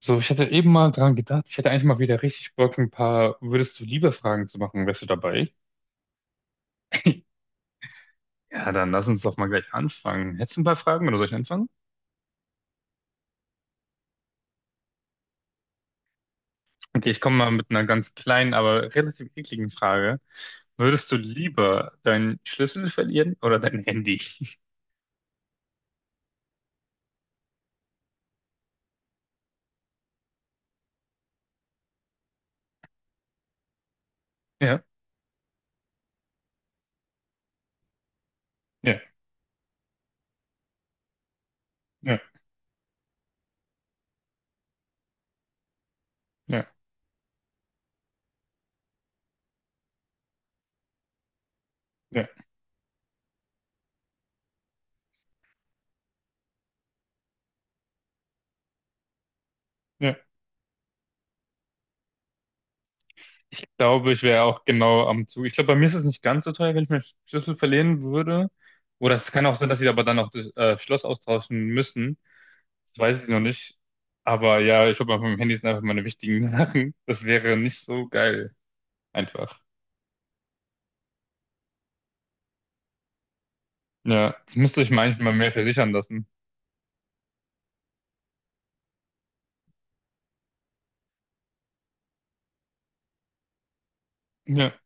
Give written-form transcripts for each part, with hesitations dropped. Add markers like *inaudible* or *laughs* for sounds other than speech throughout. So, ich hatte eben mal dran gedacht, ich hätte eigentlich mal wieder richtig Bock, ein paar Würdest du lieber Fragen zu machen. Wärst du dabei? Ja, dann lass uns doch mal gleich anfangen. Hättest du ein paar Fragen oder soll ich anfangen? Okay, ich komme mal mit einer ganz kleinen, aber relativ ekligen Frage. Würdest du lieber deinen Schlüssel verlieren oder dein Handy? Ja, ja, ja, ja, ja, ja. Ich glaube, ich wäre auch genau am Zug. Ich glaube, bei mir ist es nicht ganz so teuer, wenn ich meinen Schlüssel verlieren würde. Oder es kann auch sein, dass sie aber dann auch das Schloss austauschen müssen. Weiß ich noch nicht. Aber ja, ich glaube, auf meinem Handy sind einfach meine wichtigen *laughs* Sachen. Das wäre nicht so geil. Einfach. Ja, das müsste ich manchmal mehr versichern lassen. Ja,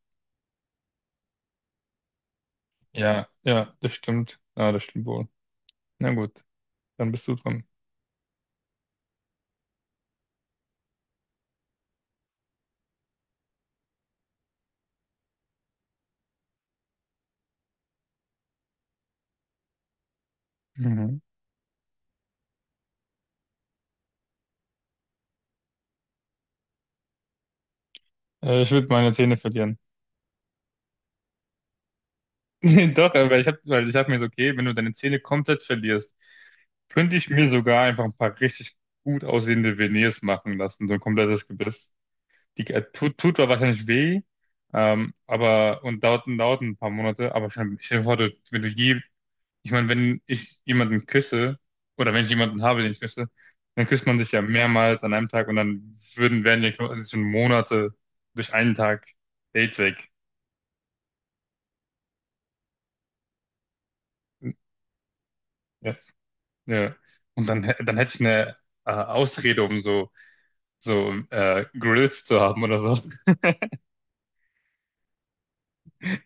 ja, das stimmt. Ja, das stimmt wohl. Na gut, dann bist du dran. Mhm. Ich würde meine Zähne verlieren. *laughs* Nee, doch, aber ich hab, weil ich hab mir so, okay, wenn du deine Zähne komplett verlierst, könnte ich mir sogar einfach ein paar richtig gut aussehende Veneers machen lassen, so ein komplettes Gebiss. Die tut zwar wahrscheinlich weh, aber und dauert ein paar Monate, aber stell dir vor, du, wenn du je, ich meine, wenn ich jemanden küsse oder wenn ich jemanden habe, den ich küsse, dann küsst man sich ja mehrmals an einem Tag und dann wären ja quasi schon Monate durch einen Tag Date weg. Ja, ja. Und dann, dann hätte ich eine Ausrede, um so, so Grills zu haben oder so.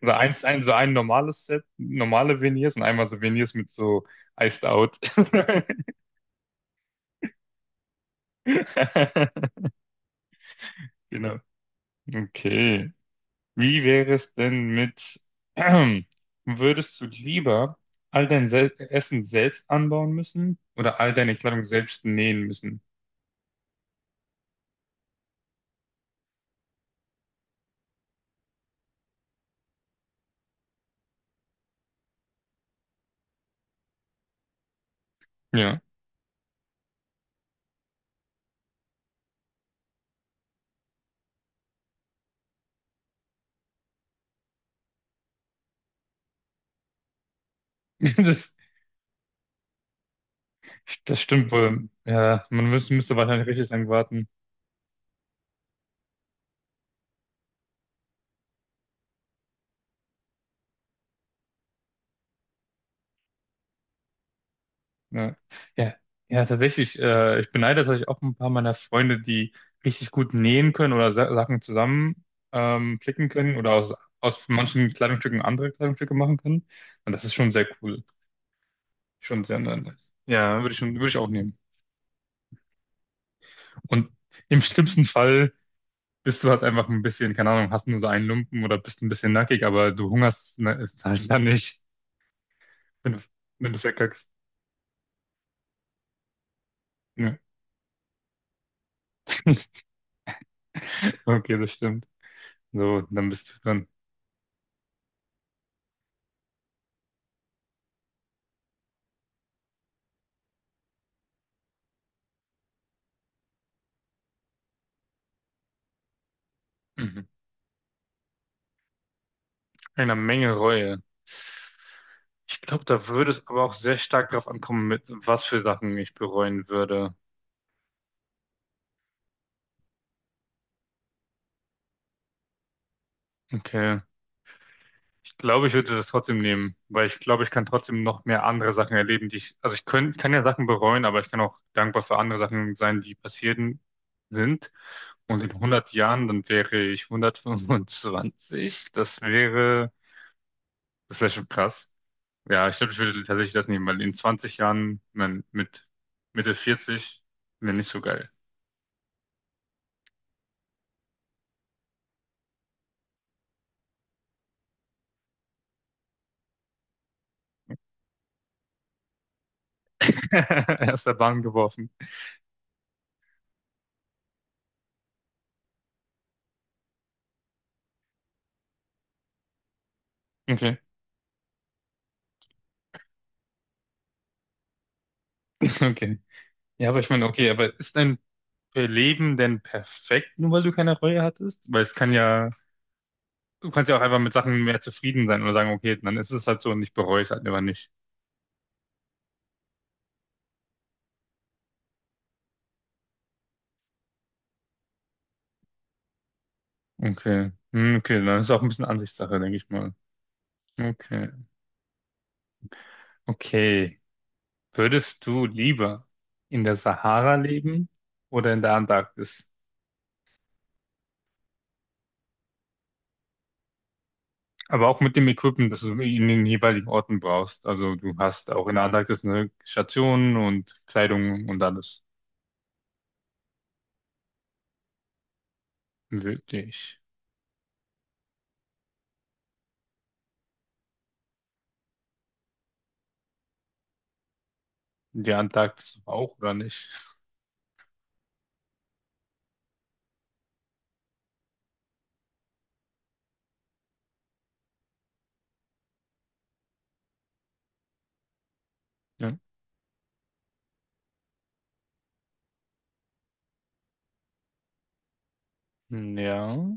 So so ein normales Set, normale Veneers und einmal so Veneers mit so Iced Out. *laughs* Genau. Okay. Wie wäre es denn mit, *clears throat* würdest du lieber all dein Sel Essen selbst anbauen müssen oder all deine Kleidung selbst nähen müssen? Ja, *laughs* das, das stimmt wohl. Ja, man müsste wahrscheinlich richtig lang warten. Ja, ja, ja, tatsächlich. Ich beneide tatsächlich auch ein paar meiner Freunde, die richtig gut nähen können oder Sa Sachen zusammen flicken können aus manchen Kleidungsstücken andere Kleidungsstücke machen können. Und das ist schon sehr cool. Schon sehr nice. Ja, würde ich auch nehmen. Und im schlimmsten Fall bist du halt einfach ein bisschen, keine Ahnung, hast nur so einen Lumpen oder bist ein bisschen nackig, aber du hungerst ne, ist halt dann nicht, wenn du, wenn du verkackst. Ja. *laughs* Okay, das stimmt. So, dann bist du dran. Mhm. Eine Menge Reue. Ich glaube, da würde es aber auch sehr stark darauf ankommen, mit was für Sachen ich bereuen würde. Okay. Ich glaube, ich würde das trotzdem nehmen, weil ich glaube, ich kann trotzdem noch mehr andere Sachen erleben, also ich kann ja Sachen bereuen, aber ich kann auch dankbar für andere Sachen sein, die passierten sind. Und in 100 Jahren, dann wäre ich 125. Das wäre schon krass. Ja, ich glaube, ich würde tatsächlich das nehmen, weil in 20 Jahren, man, mit Mitte 40, wäre nicht so geil. *laughs* Aus der Bahn geworfen. Okay, *laughs* okay. Ja, aber ich meine, okay, aber ist dein Leben denn perfekt, nur weil du keine Reue hattest? Weil es kann ja, Du kannst ja auch einfach mit Sachen mehr zufrieden sein oder sagen, okay, dann ist es halt so und ich bereue es halt aber nicht. Okay. Hm, okay, dann ist es auch ein bisschen Ansichtssache, denke ich mal. Okay, okay. Würdest du lieber in der Sahara leben oder in der Antarktis? Aber auch mit dem Equipment, das du in den jeweiligen Orten brauchst. Also du hast auch in der Antarktis eine Station und Kleidung und alles. Wirklich. Die Antarktis auch, oder nicht? Ja. Ja.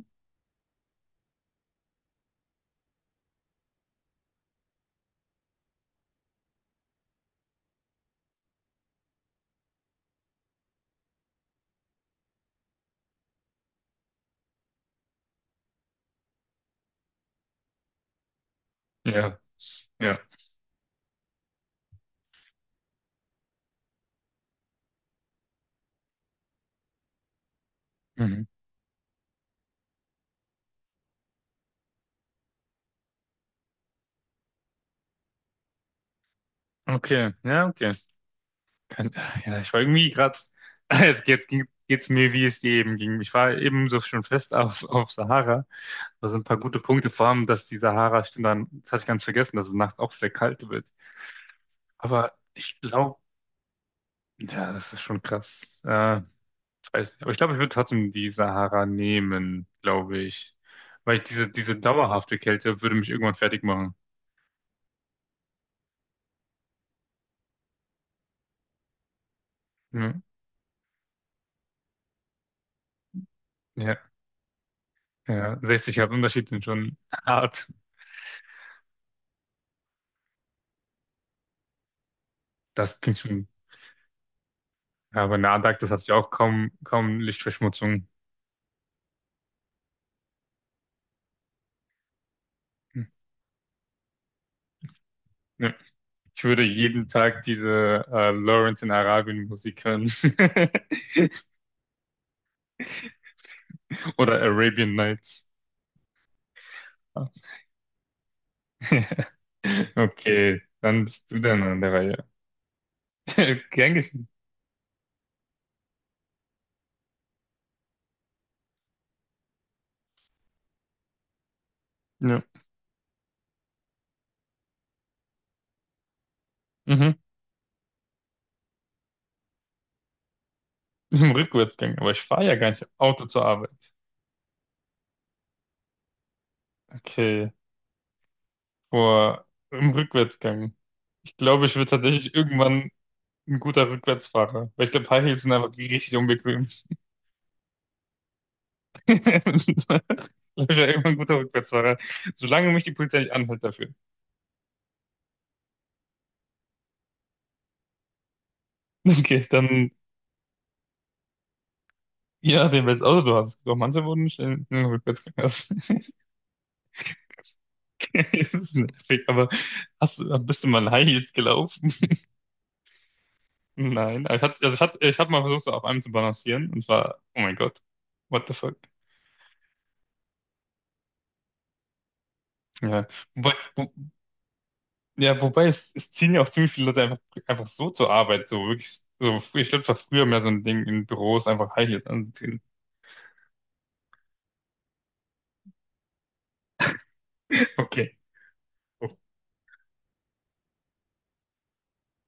Ja. Ja. Mhm. Okay. Ja, okay. Kann, ja, ich war irgendwie gerade. *laughs* Jetzt geht's mir, wie es eben ging. Ich war eben so schon fest auf Sahara. Da sind ein paar gute Punkte, vor allem, dass die Sahara, stimmt dann, das hatte ich ganz vergessen, dass es nachts auch sehr kalt wird. Aber ich glaube, ja, das ist schon krass. Ich weiß nicht. Aber ich glaube, ich würde trotzdem die Sahara nehmen, glaube ich. Weil ich diese dauerhafte Kälte würde mich irgendwann fertig machen. Ja, ja, ja. 60 Grad Unterschied sind schon hart. Das klingt schon. Ja, aber Nadak, das hat sich auch kaum Lichtverschmutzung. Hm. Ja. Ich würde jeden Tag diese Lawrence in Arabien Musik hören. *laughs* Oder Arabian Nights. *laughs* Okay, dann bist du dann an der Reihe. *laughs* Gern geschehen. Ja. Mhm. *laughs* Im Rückwärtsgang, aber ich fahre ja gar nicht Auto zur Arbeit. Okay, boah, im Rückwärtsgang. Ich glaube, ich werde tatsächlich irgendwann ein guter Rückwärtsfahrer, weil ich glaube, High Heels sind einfach richtig unbequem. *laughs* Ich glaube, ich werde irgendwann ein guter Rückwärtsfahrer, solange mich die Polizei nicht anhält dafür. *laughs* Okay, dann, ja, den welches Auto du hast. Doch, manche wurden nicht in den Rückwärtsgang. *laughs* Okay, das ist nervig, aber bist du mal in High Heels gelaufen? Nein, ich hatte, ich habe mal versucht, so auf einem zu balancieren und war, oh mein Gott, what the fuck. Ja, wobei, wo, ja, wobei es ziehen ja auch ziemlich viele Leute einfach so zur Arbeit, so wirklich, so, ich glaube, das war früher mehr so ein Ding in Büros, einfach High Heels anziehen. *laughs* Okay.